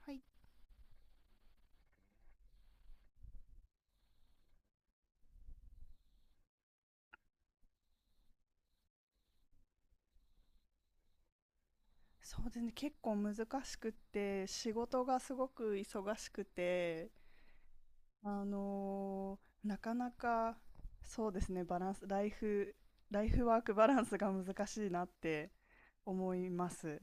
はい。そうですね、結構難しくって、仕事がすごく忙しくて、あのなかなか、そうですね、バランス、ライフ、ライフワークバランスが難しいなって思います。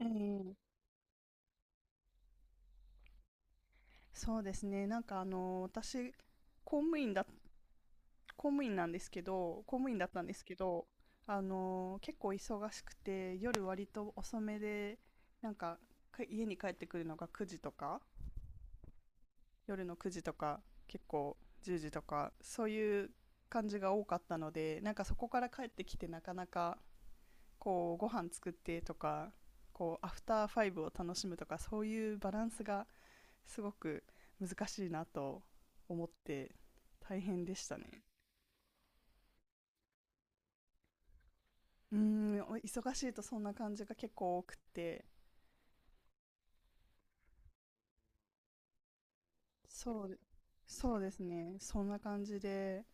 ええ、そうですね、私、公務員だ、公務員なんですけど、公務員だったんですけど、結構忙しくて、夜割と遅めで、なんか、家に帰ってくるのが9時とか、夜の9時とか、結構10時とか、そういう感じが多かったので、なんかそこから帰ってきて、なかなかこうご飯作ってとか、こうアフターファイブを楽しむとか、そういうバランスがすごく難しいなと思って大変でしたね。うーん、忙しいとそんな感じが結構多くて。そうそうですね、そんな感じで。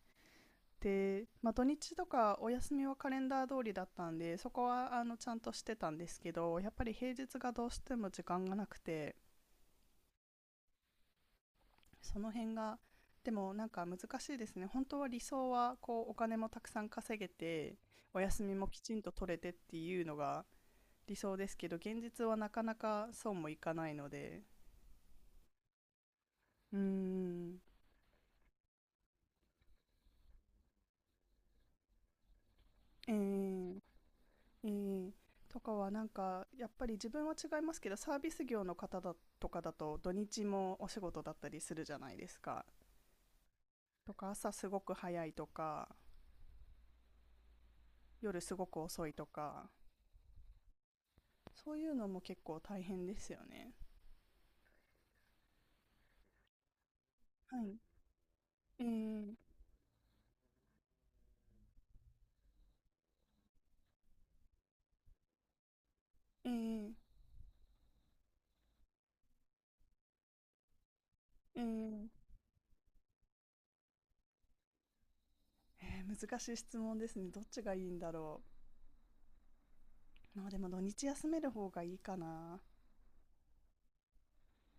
で、まあ、土日とかお休みはカレンダー通りだったんで、そこはあのちゃんとしてたんですけど、やっぱり平日がどうしても時間がなくて、その辺が。でもなんか難しいですね。本当は理想はこうお金もたくさん稼げて、お休みもきちんと取れてっていうのが理想ですけど、現実はなかなかそうもいかないので。うーん。えー、うん、とかはなんかやっぱり自分は違いますけど、サービス業の方だとかだと土日もお仕事だったりするじゃないですか。とか朝すごく早いとか夜すごく遅いとか、そういうのも結構大変ですよね。はい。えー、えー、えー、えー、難しい質問ですね。どっちがいいんだろう。まあでも土日休める方がいいかな。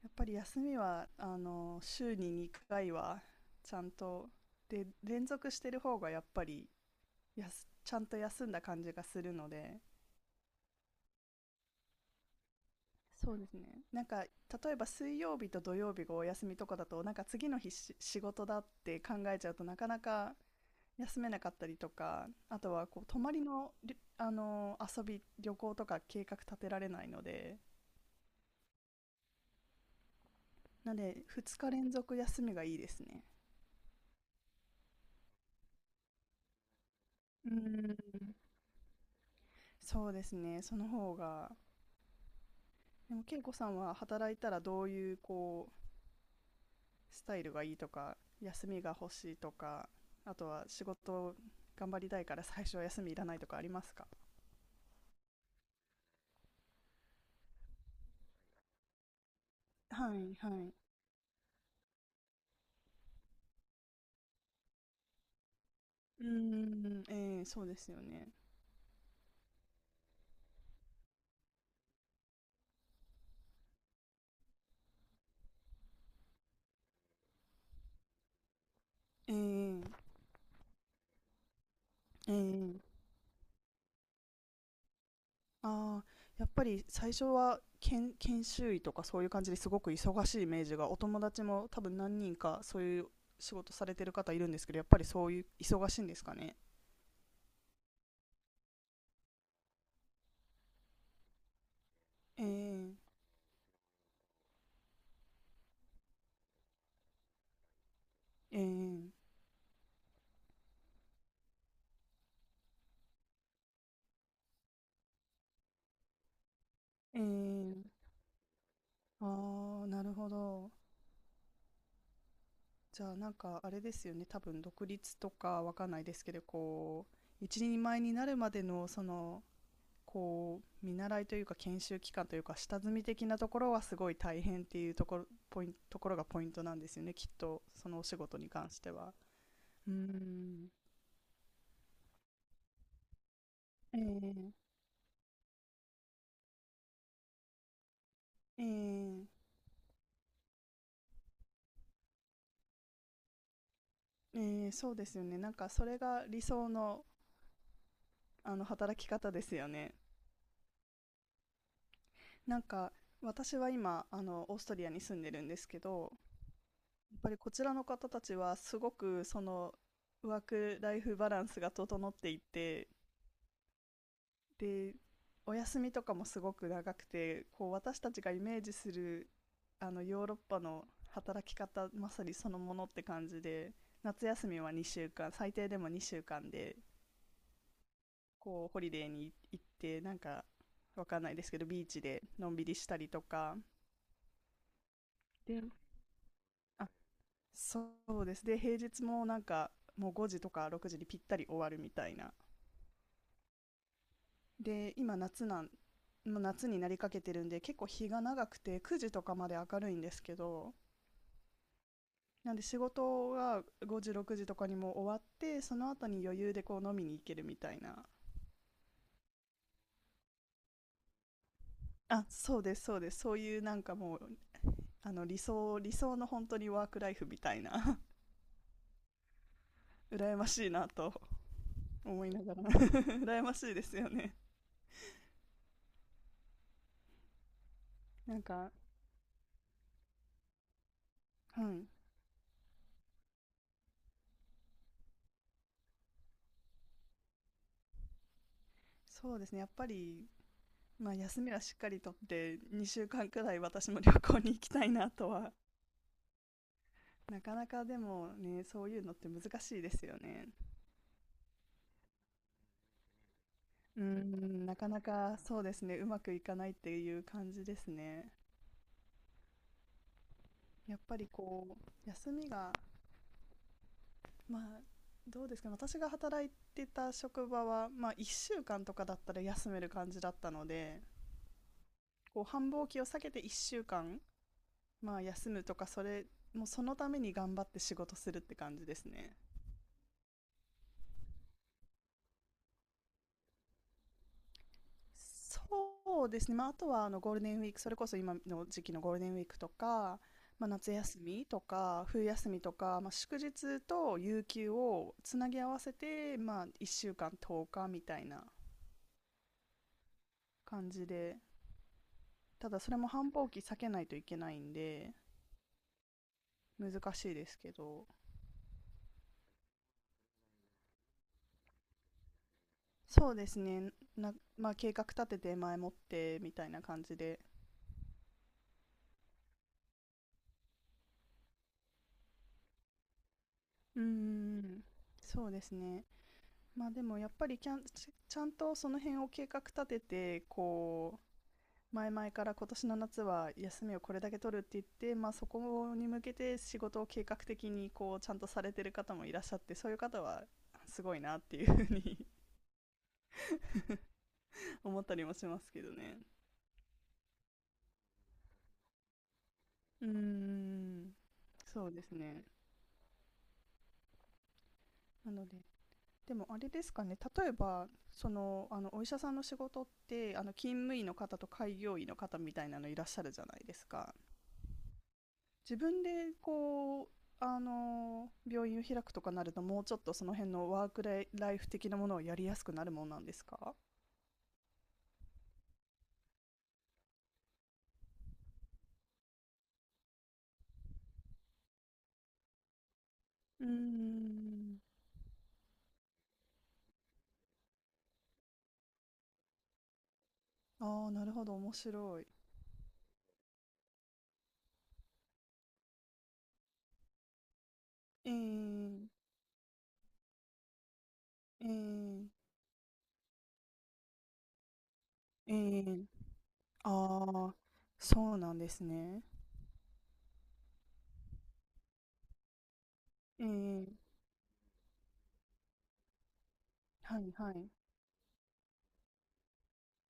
やっぱり休みは、あの、週に2回はちゃんとで連続してる方が、やっぱりちゃんと休んだ感じがするので。そうですね、なんか例えば水曜日と土曜日がお休みとかだと、なんか次の日仕事だって考えちゃうと、なかなか休めなかったりとか、あとはこう泊まりのあの遊び旅行とか計画立てられないので。なので2日連続休みがいいですね。うん、そうですね、その方が。でも健子さんは働いたらどういうこうスタイルがいいとか、休みが欲しいとか、あとは仕事頑張りたいから 最初は休みいらないとかありますか？はいはい。うーん、えーそうですよね。ええ、えー、ああ、やっぱり最初は研修医とかそういう感じですごく忙しいイメージが、お友達も多分何人かそういう仕事されてる方いるんですけど、やっぱりそういう忙しいんですかね。ええ、ええ、ええ。ああ、なるほど。じゃあなんかあれですよね。多分独立とかわかんないですけど、こう、一人前になるまでの、その、こう、見習いというか研修期間というか、下積み的なところはすごい大変っていうところ、ポイン、ところがポイントなんですよね。きっと、そのお仕事に関しては。うーん。えー、えー、えーそうですよね。なんかそれが理想の、あの働き方ですよね。なんか私は今あのオーストリアに住んでるんですけど、やっぱりこちらの方たちはすごくそのワークライフバランスが整っていて、でお休みとかもすごく長くて、こう私たちがイメージするあのヨーロッパの働き方まさにそのものって感じで、夏休みは2週間、最低でも2週間で、こうホリデーに行って、なんかわかんないですけどビーチでのんびりしたりとか。で、あ、そうです、で平日もなんかもう5時とか6時にぴったり終わるみたいな。で今夏なんもう夏になりかけてるんで、結構日が長くて9時とかまで明るいんですけど、なんで仕事が5時6時とかにも終わって、その後に余裕でこう飲みに行けるみたいな。あ、そうです、そうです、そういうなんかもう、あの理想の本当にワークライフみたいな 羨ましいなと思いながら 羨ましいですよね。なんか、うん、そうですね、やっぱりまあ休みはしっかりとって2週間くらい私も旅行に行きたいなとは。なかなかでもね、そういうのって難しいですよね。うーん、なかなかそうですね、うまくいかないっていう感じですね。やっぱりこう、休みが、まあ、どうですかね、私が働いてた職場は、まあ、1週間とかだったら休める感じだったので、こう、繁忙期を避けて1週間、まあ、休むとか、それ、もうそのために頑張って仕事するって感じですね。そうですね、まあ、あとはあのゴールデンウィーク、それこそ今の時期のゴールデンウィークとか、まあ、夏休みとか、冬休みとか、まあ、祝日と有給をつなぎ合わせて、まあ、1週間10日みたいな感じで。ただそれも繁忙期避けないといけないんで、難しいですけど、そうですね、な、まあ、計画立てて前もってみたいな感じで。うーん、そうですね。まあでもやっぱりちゃんとその辺を計画立てて、こう前々から今年の夏は休みをこれだけ取るって言って、まあ、そこに向けて仕事を計画的にこうちゃんとされてる方もいらっしゃって、そういう方はすごいなっていうふうに 思ったりもしますけどね。うーん、そうですね。なので、でもあれですかね、例えばそのあのお医者さんの仕事って、あの勤務医の方と開業医の方みたいなのいらっしゃるじゃないですか。自分でこうあの病院を開くとかなると、もうちょっとその辺のワークライフ的なものをやりやすくなるもんなんですか？うーん。ああ、なるほど、面白い。ええ、ええ、えー、ああ、そうなんですね。ええ、はいはい。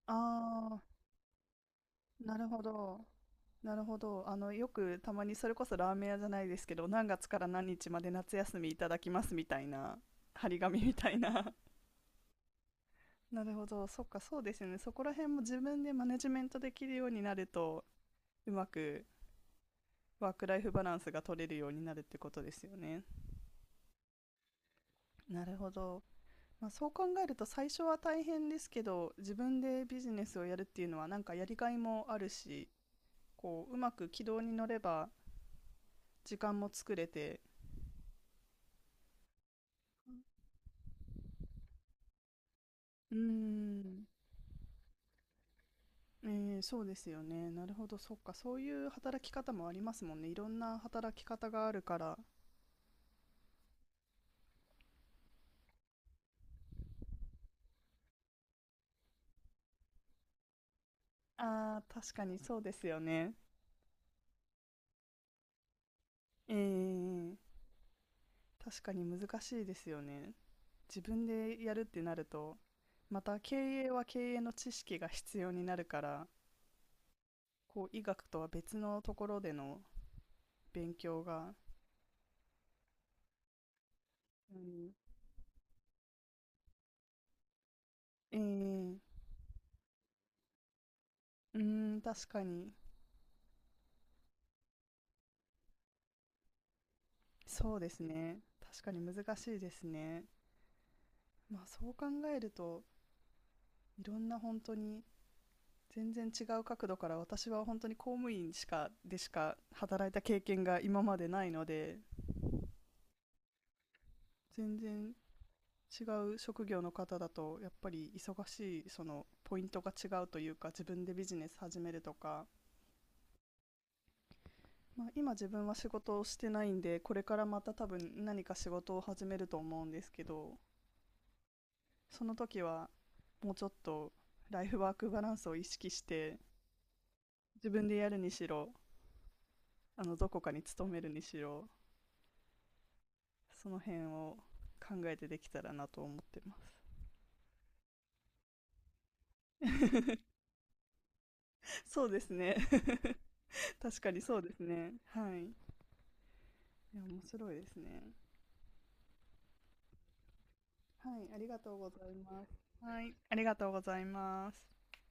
ああ、なるほど。なるほど。あの、よくたまにそれこそラーメン屋じゃないですけど、何月から何日まで夏休みいただきますみたいな、張り紙みたいな。なるほど、そっか、そうですよね。そこら辺も自分でマネジメントできるようになると、うまくワークライフバランスが取れるようになるってことですよね。なるほど。まあ、そう考えると最初は大変ですけど、自分でビジネスをやるっていうのはなんかやりがいもあるし、こう、うまく軌道に乗れば時間も作れて。うーん、えーそうですよね。なるほど、そっか、そういう働き方もありますもんね。いろんな働き方があるから。ああ、確かにそうですよね。ええ、確かに難しいですよね。自分でやるってなると、また経営は経営の知識が必要になるから、こう医学とは別のところでの勉強が。うん、ええ、うーん、確かに、そうですね。確かに難しいですね。まあそう考えると、いろんな本当に全然違う角度から。私は本当に公務員しか働いた経験が今までないので、全然違う職業の方だとやっぱり忙しいそのポイントが違うというか、自分でビジネス始めるとか、まあ、今自分は仕事をしてないんで、これからまた多分何か仕事を始めると思うんですけど、その時はもうちょっとライフワークバランスを意識して、自分でやるにしろ、あのどこかに勤めるにしろ、その辺を考えてできたらなと思ってます。そうですね。 確かにそうですね。はい、いや面白いですね。はい、ありがとうございます。はい、ありがとうございます。